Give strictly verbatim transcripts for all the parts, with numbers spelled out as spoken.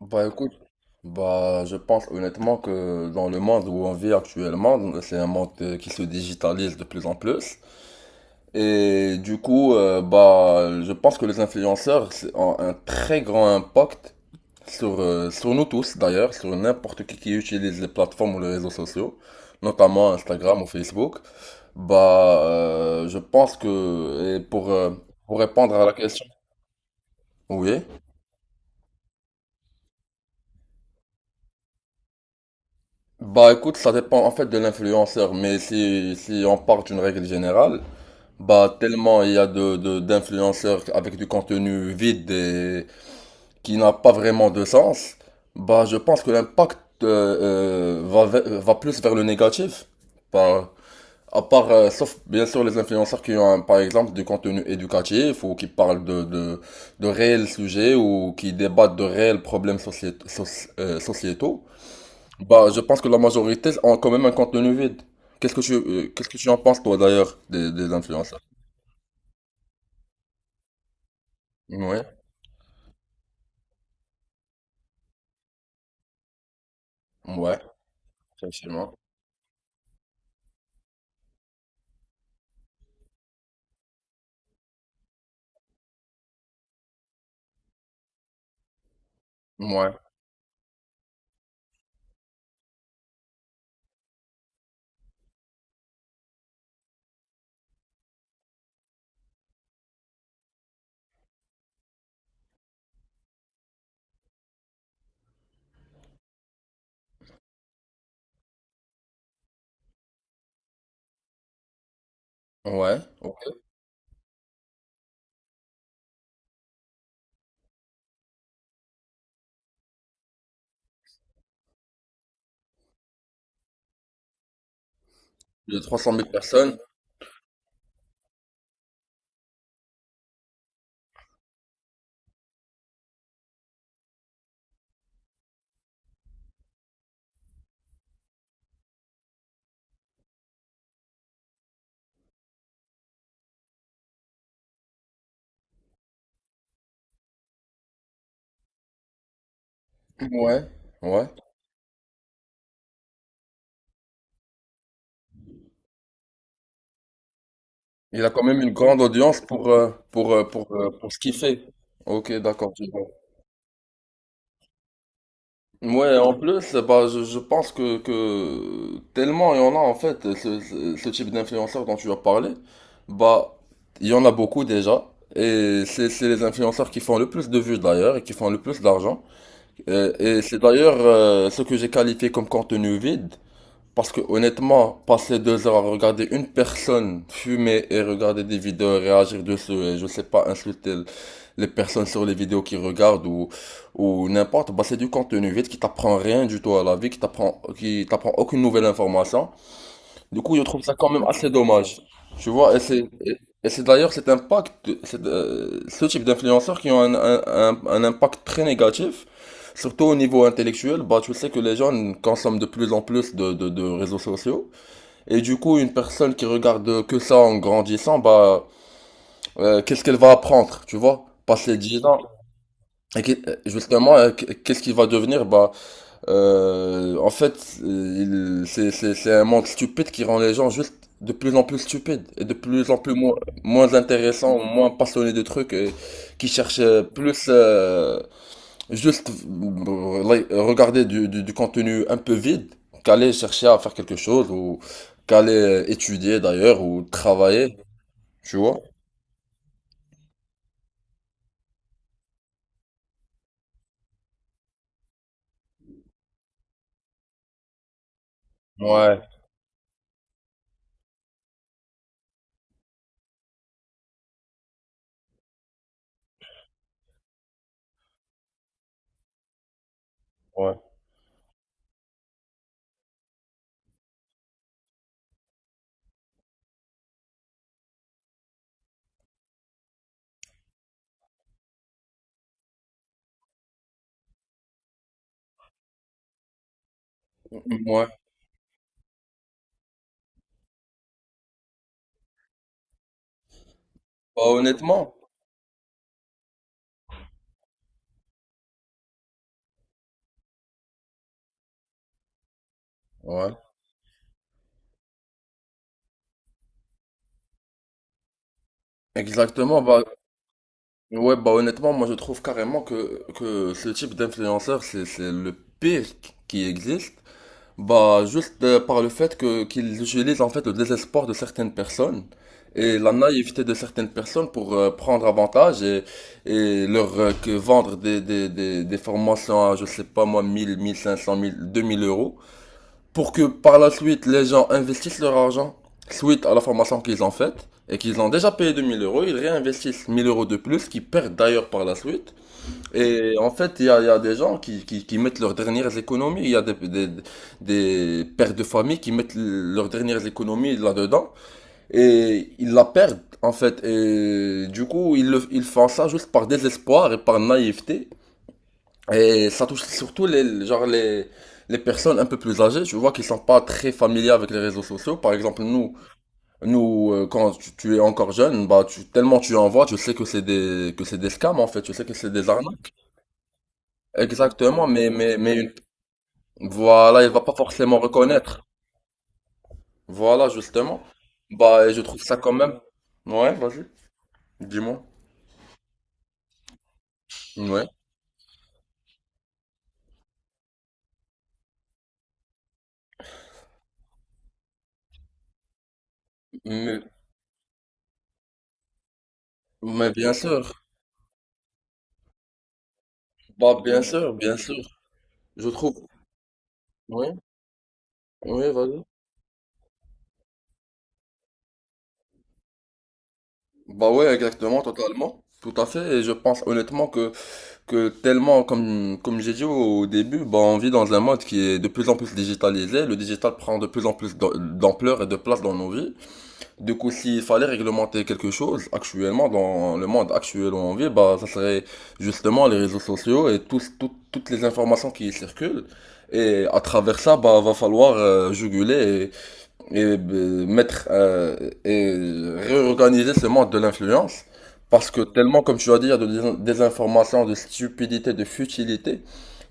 Bah écoute, bah je pense honnêtement que dans le monde où on vit actuellement, c'est un monde euh, qui se digitalise de plus en plus. Et du coup, euh, bah je pense que les influenceurs c'est- ont un très grand impact sur, euh, sur nous tous d'ailleurs, sur n'importe qui qui utilise les plateformes ou les réseaux sociaux, notamment Instagram ou Facebook. Bah euh, je pense que, et pour, euh, pour répondre à la question, oui. Bah écoute, ça dépend en fait de l'influenceur, mais si, si on part d'une règle générale, bah tellement il y a de, de- d'influenceurs avec du contenu vide et qui n'a pas vraiment de sens, bah je pense que l'impact euh, euh, va, ve- va plus vers le négatif. Bah à part, euh, sauf bien sûr les influenceurs qui ont par exemple du contenu éducatif ou qui parlent de, de, de réels sujets ou qui débattent de réels problèmes sociét- soci- euh, sociétaux. Bah, je pense que la majorité ont quand même un contenu vide. Qu'est-ce que tu, euh, qu'est-ce que tu en penses, toi, d'ailleurs, des, des influenceurs? Ouais, ouais, effectivement. Ouais, ouais, ok. Il y a trois cent mille personnes. Ouais, ouais. Il a quand même une grande audience pour, euh, pour, euh, pour, euh, pour ce qu'il fait. Ok, d'accord. Ouais, en plus, bah, je, je pense que, que tellement il y en a en fait, ce, ce- ce type d'influenceurs dont tu as parlé, bah, il y en a beaucoup déjà, et c'est c'est les influenceurs qui font le plus de vues d'ailleurs, et qui font le plus d'argent, et, et c'est d'ailleurs euh, ce que j'ai qualifié comme contenu vide, parce que honnêtement, passer deux heures à regarder une personne fumer et regarder des vidéos réagir dessus et je sais pas insulter les personnes sur les vidéos qu'ils regardent ou, ou n'importe, bah c'est du contenu vide qui t'apprend rien du tout à la vie, qui t'apprend, qui t'apprend aucune nouvelle information. Du coup, je trouve ça quand même assez dommage. Tu vois, et c'est et- et c'est d'ailleurs cet impact, cet, euh, ce type d'influenceurs qui ont un, un- un- un impact très négatif, surtout au niveau intellectuel. Bah, tu sais que les jeunes consomment de plus en plus de, de- de réseaux sociaux. Et du coup, une personne qui regarde que ça en grandissant, bah, euh, qu'est-ce qu'elle va apprendre, tu vois? Passer dix ans. Et qui- euh, justement, euh, qu- qu'est-ce qu'il va devenir? Bah, euh, en fait, euh, il- c'est c'est- c'est un monde stupide qui rend les gens juste de plus en plus stupides et de plus en plus moins, moins intéressants, moins passionnés de trucs, et qui cherchent euh, plus euh, juste euh, like, regarder du, du, du contenu un peu vide qu'aller chercher à faire quelque chose ou qu'aller euh, étudier d'ailleurs ou travailler, tu vois? Ouais, ouais. Ouais. Bah, honnêtement, ouais. Exactement, bah. Ouais, bah honnêtement, moi je trouve carrément que, que ce type d'influenceur, c'est, c'est le pire qui existe. Bah juste euh, par le fait que qu'ils utilisent en fait le désespoir de certaines personnes et la naïveté de certaines personnes pour euh, prendre avantage et, et leur euh, que vendre des, des, des, des formations à, je sais pas moi, mille mille cinq cents mille deux mille euros pour que par la suite les gens investissent leur argent suite à la formation qu'ils ont faite et qu'ils ont déjà payé deux mille euros, ils réinvestissent mille euros de plus qu'ils perdent d'ailleurs par la suite. Et en fait, il y a, il y a des gens qui, qui, qui mettent leurs dernières économies, il y a des, des, des pères de famille qui mettent leurs dernières économies là-dedans et ils la perdent en fait. Et du coup, ils, le- ils font ça juste par désespoir et par naïveté et ça touche surtout les, genre les, les personnes un peu plus âgées. Je vois qu'ils sont pas très familiers avec les réseaux sociaux. Par exemple, nous, nous, euh, quand tu, tu es encore jeune, bah, tu, tellement tu en vois, tu sais que c'est des, que c'est des scams, en fait. Tu sais que c'est des arnaques. Exactement, mais, mais, mais une- voilà, il va pas forcément reconnaître. Voilà, justement. Bah, et je trouve ça quand même. Ouais, vas-y. Dis-moi. Ouais. Mais, mais bien sûr. Bah, bien sûr, bien sûr. Je trouve. Oui, oui, vas-y. Bah ouais, exactement, totalement. Tout à fait. Et je pense honnêtement que, que, tellement, comme, comme j'ai dit au début, bah on vit dans un monde qui est de plus en plus digitalisé. Le digital prend de plus en plus d'am- d'ampleur et de place dans nos vies. Du coup, s'il fallait réglementer quelque chose actuellement dans le monde actuel où on vit, bah ça serait justement les réseaux sociaux et tous, tout- toutes les informations qui y circulent. Et à travers ça, bah va falloir euh, juguler et euh, mettre euh, et réorganiser ce monde de l'influence parce que tellement comme tu vas dire de dés- désinformation, de stupidité, de futilité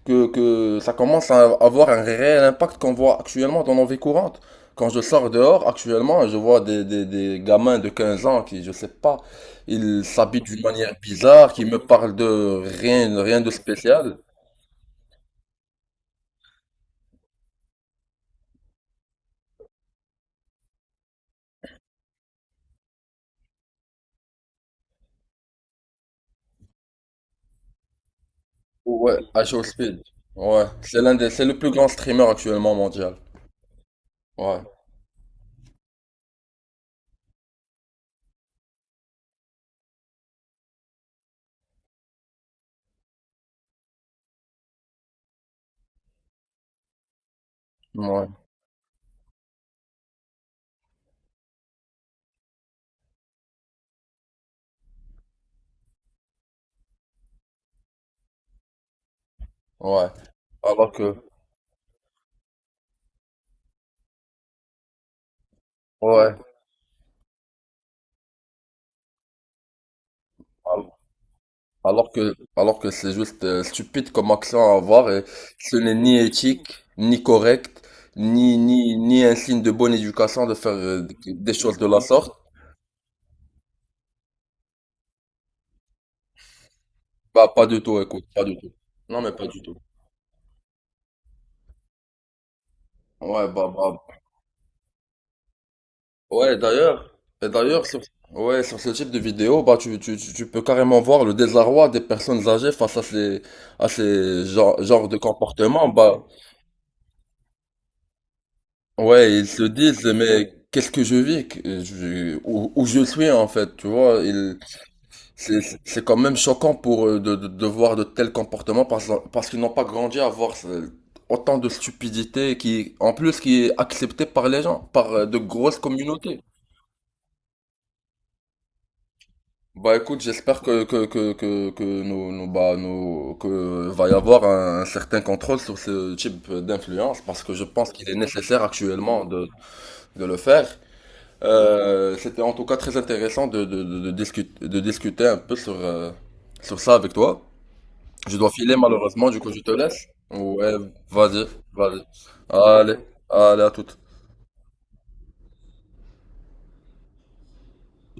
que, que ça commence à avoir un réel impact qu'on voit actuellement dans nos vies courantes. Quand je sors dehors actuellement, je vois des, des, des gamins de quinze ans qui, je sais pas, ils s'habillent d'une manière bizarre, qui me parlent de rien, rien de spécial. Ouais, à Speed. Ouais, c'est l'un des, c'est le plus grand streamer actuellement mondial. Ouais. Ouais. Ouais. Alors que, ouais. Al- Alors que, alors que c'est juste euh, stupide comme action à avoir et ce n'est ni éthique, ni correct, ni, ni, ni un signe de bonne éducation de faire euh, des choses de la sorte. Bah, pas du tout, écoute, pas du tout. Non, mais pas du tout. Ouais, bah, bah. Ouais, d'ailleurs, et d'ailleurs, sur, ouais, sur ce type de vidéo, bah, tu, tu, tu tu peux carrément voir le désarroi des personnes âgées face à ces, à ces genres, genres de comportements, bah. Ouais, ils se disent, mais qu'est-ce que je vis, que je- où, où je suis en fait, tu vois, ils- c'est c'est quand même choquant pour eux de, de, de voir de tels comportements parce, parce qu'ils n'ont pas grandi à voir ce- autant de stupidité qui, en plus, qui est acceptée par les gens, par euh, de grosses communautés. Bah écoute, j'espère que que que que que nous, nous bah nous que va y avoir un, un certain contrôle sur ce type d'influence parce que je pense qu'il est nécessaire actuellement de de le faire. Euh, c'était en tout cas très intéressant de, de, de, de discuter, de discuter un peu sur, euh, sur ça avec toi. Je dois filer malheureusement, du coup je te laisse. Ouais, vas-y, vas-y. Allez, allez à toute.